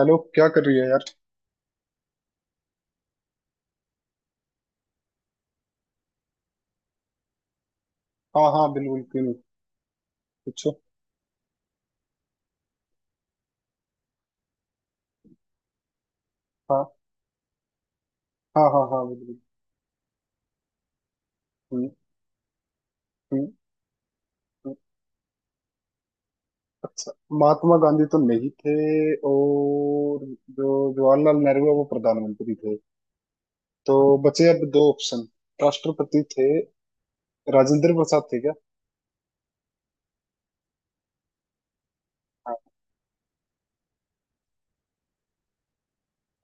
Hello क्या कर रही है यार। हाँ हाँ बिल्कुल बिल्कुल। पूछो। हाँ हाँ हाँ हाँ बिल्कुल। हम्म। हम्म। हम्म। अच्छा। महात्मा गांधी तो नहीं थे। और जो जवाहरलाल नेहरू है वो प्रधानमंत्री थे। तो बचे अब दो ऑप्शन। राष्ट्रपति थे। राजेंद्र प्रसाद थे क्या? हाँ।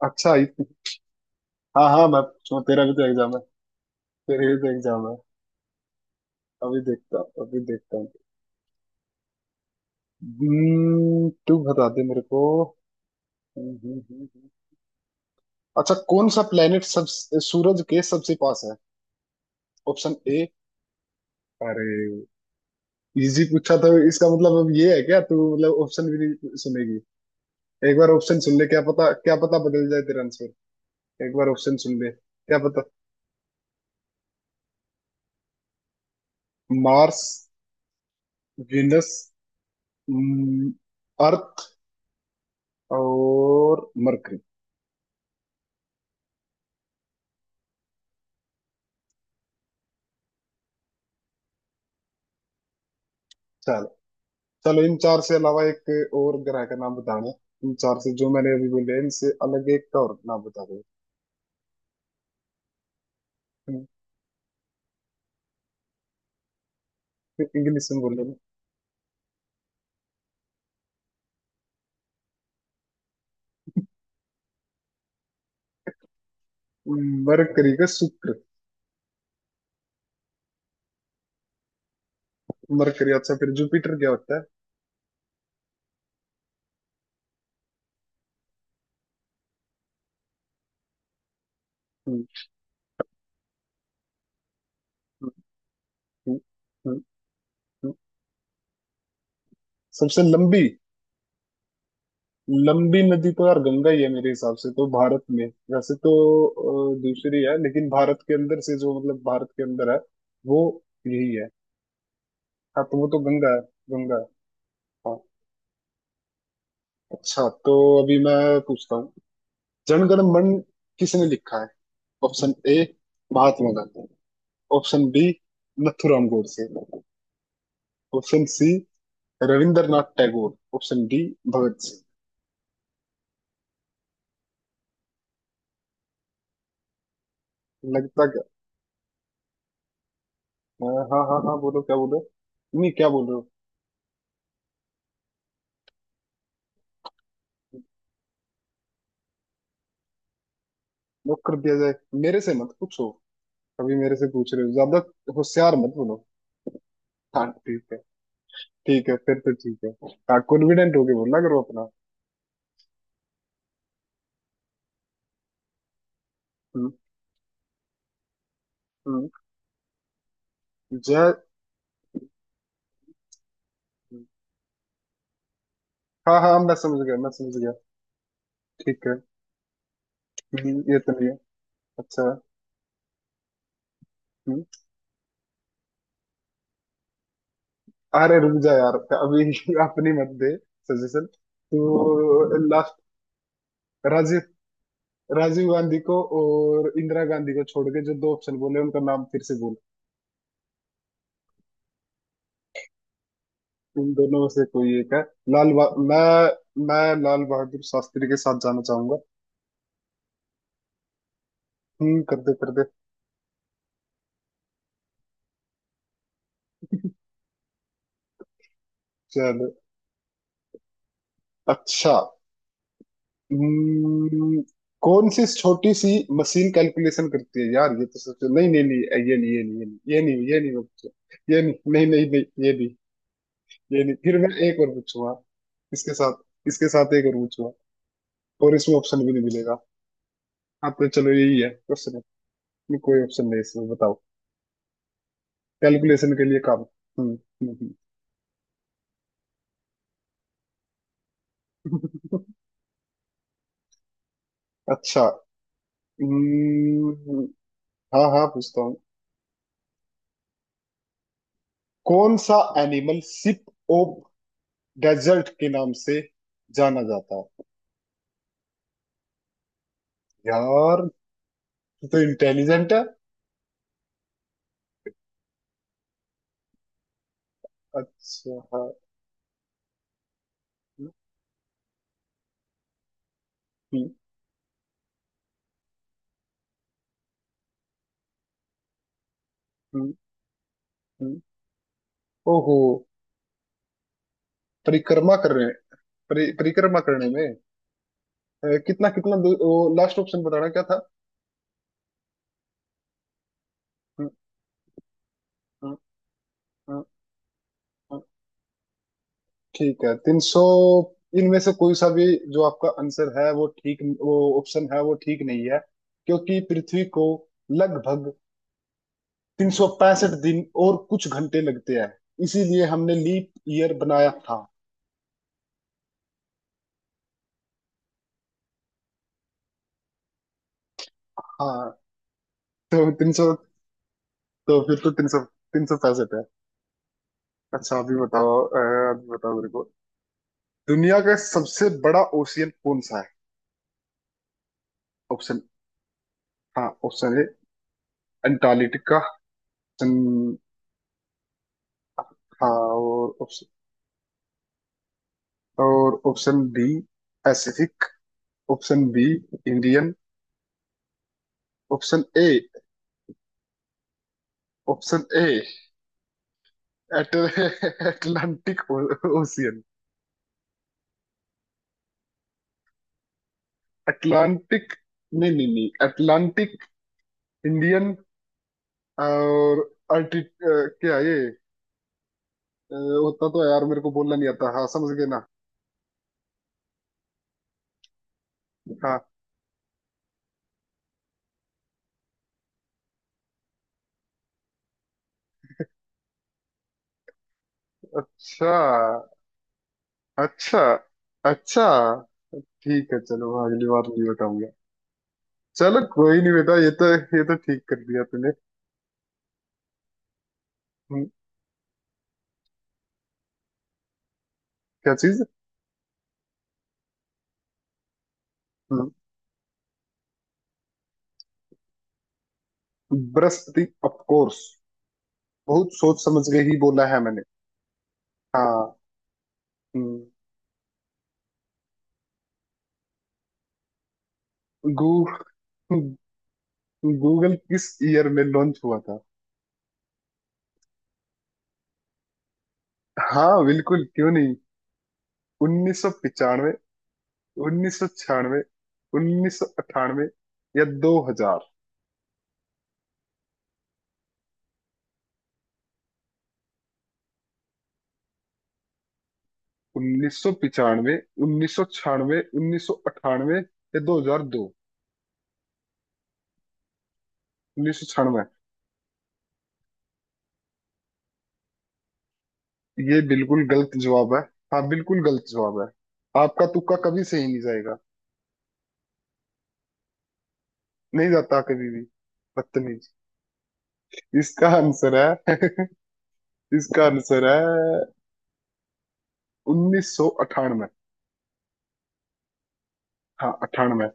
अच्छा हाँ हाँ मैं पूछूं, तेरा भी तो एग्जाम है। तेरे भी तो एग्जाम है। अभी देखता हूँ, अभी देखता हूँ। तू बता दे मेरे को। हम्म। हम्म। हम्म। हम्म। अच्छा। कौन सा प्लेनेट सब सूरज के सबसे पास है? Option A. अरे! इजी पूछा तो इसका मतलब अब ये है क्या, तू मतलब ऑप्शन भी नहीं सुनेगी? एक बार ऑप्शन सुन ले, क्या पता बदल जाए तेरा आंसर। एक बार ऑप्शन सुन ले, क्या पता। मार्स। विनस। अर्थ। और मरकरी। चलो, चलो इन चार से अलावा एक और ग्रह का नाम बताना। इन चार से जो मैंने अभी बोले इनसे अलग एक का और नाम बता दो। इंग्लिश में बोले। मरकरी का शुक्र। मरकरी। अच्छा, फिर जुपिटर क्या होता है? हम्म, सबसे लंबी लंबी नदी तो यार गंगा ही है मेरे हिसाब से तो भारत में। वैसे तो दूसरी है, लेकिन भारत के अंदर से जो, मतलब भारत के अंदर है, वो यही है। हाँ तो वो तो गंगा है। गंगा है। हाँ। अच्छा, तो अभी मैं पूछता हूँ। जनगण मन किसने लिखा है? Option A Mahatma Gandhi. Option B Nathuram Godse. Option C Rabindranath Tagore. Option D Bhagat Singh. लगता क्या? अ, हाँ हाँ हाँ, बोलो क्या बोलो। नहीं, क्या बोल रहे हो? लॉक कर दिया जाए? मेरे से मत पूछो। कभी मेरे से पूछ रहे हो, ज्यादा होशियार मत बोलो। हाँ ठीक है। ठीक है, फिर तो ठीक है। हाँ, कॉन्फिडेंट होके बोलना करो अपना। हम्म। हम्म। जय। हाँ हाँ, मैं समझ गया, मैं समझ गया। ठीक है। ये तो नहीं है। अच्छा। हम्म, अरे रुक जा यार अभी अपनी मत दे सजेशन। तो लास्ट। राजीव राजीव गांधी को और इंदिरा गांधी को छोड़ के जो दो ऑप्शन बोले उनका नाम फिर से बोल। इन दोनों में से कोई एक है। मैं लाल बहादुर शास्त्री के साथ जाना चाहूंगा। कर दे, कर दे। चलो। अच्छा। हम्म, कौन सी छोटी सी मशीन कैलकुलेशन करती है, यार ये तो सोचो। नहीं नहीं नहीं, ये नहीं ये नहीं। ये नहीं ये नहीं ये नहीं, मैं पूछूंगा। ये नहीं। नहीं नहीं नहीं, ये नहीं। ये नहीं, फिर मैं एक और पूछूंगा इसके साथ। इसके साथ एक और पूछूंगा। और इसमें ऑप्शन भी नहीं मिलेगा। हाँ तो चलो, यही है क्वेश्चन। है कोई ऑप्शन नहीं इसमें, बताओ। कैलकुलेशन के लिए काम। हम्म। हम्म। हम्म। अच्छा। हम्म, हाँ हाँ पूछता हूँ। कौन सा एनिमल सिप ऑफ डेजर्ट के नाम से जाना जाता है? यार तू तो इंटेलिजेंट है। अच्छा, हाँ। हम्म। हम्म। हम्म। हम्म। ओहो। परिक्रमा कर रहे हैं। परिक्रमा करने में। कितना कितना दूर? लास्ट ऑप्शन बताना क्या था? हम्म। हम्म। हम्म। हम्म। ठीक है। 300 इनमें से कोई सा भी जो आपका आंसर है, वो ठीक, वो ऑप्शन है वो ठीक नहीं है, क्योंकि पृथ्वी को लगभग 365 दिन और कुछ घंटे लगते हैं, इसीलिए हमने लीप ईयर बनाया था। हाँ तो 300, तो फिर तो 365 है। अच्छा, अभी बताओ अभी बताओ मेरे को, दुनिया का सबसे बड़ा ओशियन कौन सा है? ऑप्शन। हाँ, ऑप्शन ए अंटार्कटिका। ऑप्शन। हाँ। और ऑप्शन। और option B Pacific. Option B Indian. Option A. Option A Atlantic ocean. Atlantic. नहीं नहीं नहीं, अटलांटिक, इंडियन और अर्टि क्या ये होता तो है यार, मेरे को बोलना नहीं आता, हाँ समझ गए ना। हाँ। अच्छा। अच्छा। अच्छा। ठीक है, चलो। हाँ, अगली बार नहीं बताऊंगा। चलो, कोई नहीं बेटा, ये तो ठीक कर दिया तूने। हम्म, क्या चीज? हम्म, बृहस्पति ऑफ कोर्स। बहुत सोच समझ के ही बोला है मैंने। हाँ। हम्म, गू गूगल किस ईयर में लॉन्च हुआ था? हाँ बिल्कुल, क्यों नहीं। 1995। 1996। 1998। या 2000। 1995। उन्नीस सौ छियानवे। उन्नीस सौ अट्ठानवे। या 2002। 1996? ये बिल्कुल गलत जवाब है। हाँ बिल्कुल गलत जवाब है। आपका तुक्का कभी सही नहीं जाएगा। नहीं जाता कभी भी। बदतमीज। इसका आंसर है। इसका आंसर है 1998। हाँ, 98।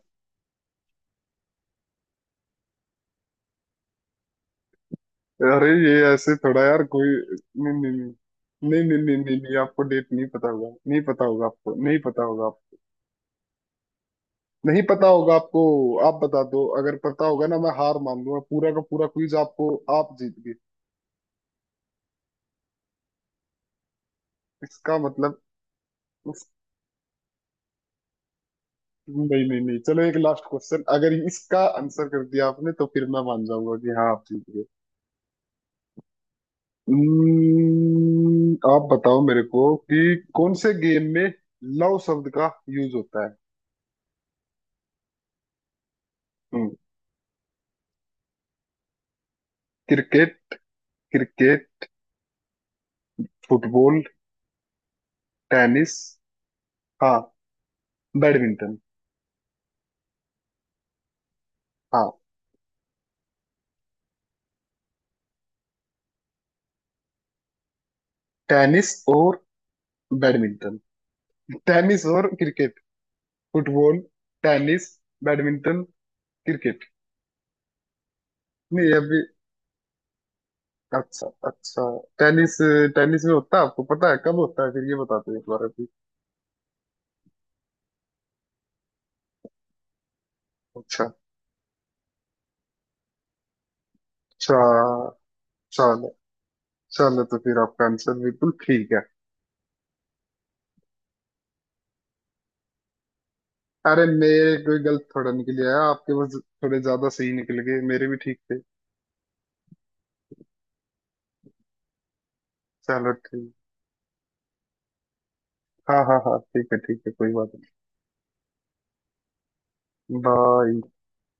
अरे ये ऐसे थोड़ा यार, कोई। नहीं नहीं। नहीं नहीं नहीं नहीं नहीं नहीं, आपको डेट नहीं पता होगा, नहीं पता होगा आपको, नहीं पता होगा आप। नहीं पता होगा आपको। आप बता दो, अगर पता होगा ना मैं हार मान लूंगा, पूरा का पूरा क्विज आपको, आप जीत गए। इसका मतलब उस- नहीं नहीं नहीं, चलो एक लास्ट क्वेश्चन, अगर इसका आंसर कर दिया आपने तो फिर मैं मान जाऊंगा कि हाँ आप जीत गए। आप बताओ मेरे को कि कौन से गेम में लव शब्द का यूज होता है? हम्म, क्रिकेट। क्रिकेट। फुटबॉल। टेनिस। हाँ। बैडमिंटन। हाँ। टेनिस और बैडमिंटन। टेनिस और cricket. Football. Tennis. Badminton. Cricket. नहीं, अभी। अच्छा, अच्छा। टेनिस। टेनिस में होता है। आपको पता है कब होता है? फिर ये बताते हैं एक बार, अभी। अच्छा। अच्छा। चलो, चलो तो फिर आपका आंसर बिल्कुल ठीक है। अरे, मेरे कोई गलत थोड़ा निकल आया, आपके बस थोड़े ज्यादा सही निकल गए, मेरे भी ठीक थे। चलो, ठीक। हाँ हाँ हाँ, ठीक है, ठीक है, कोई बात नहीं। बाय।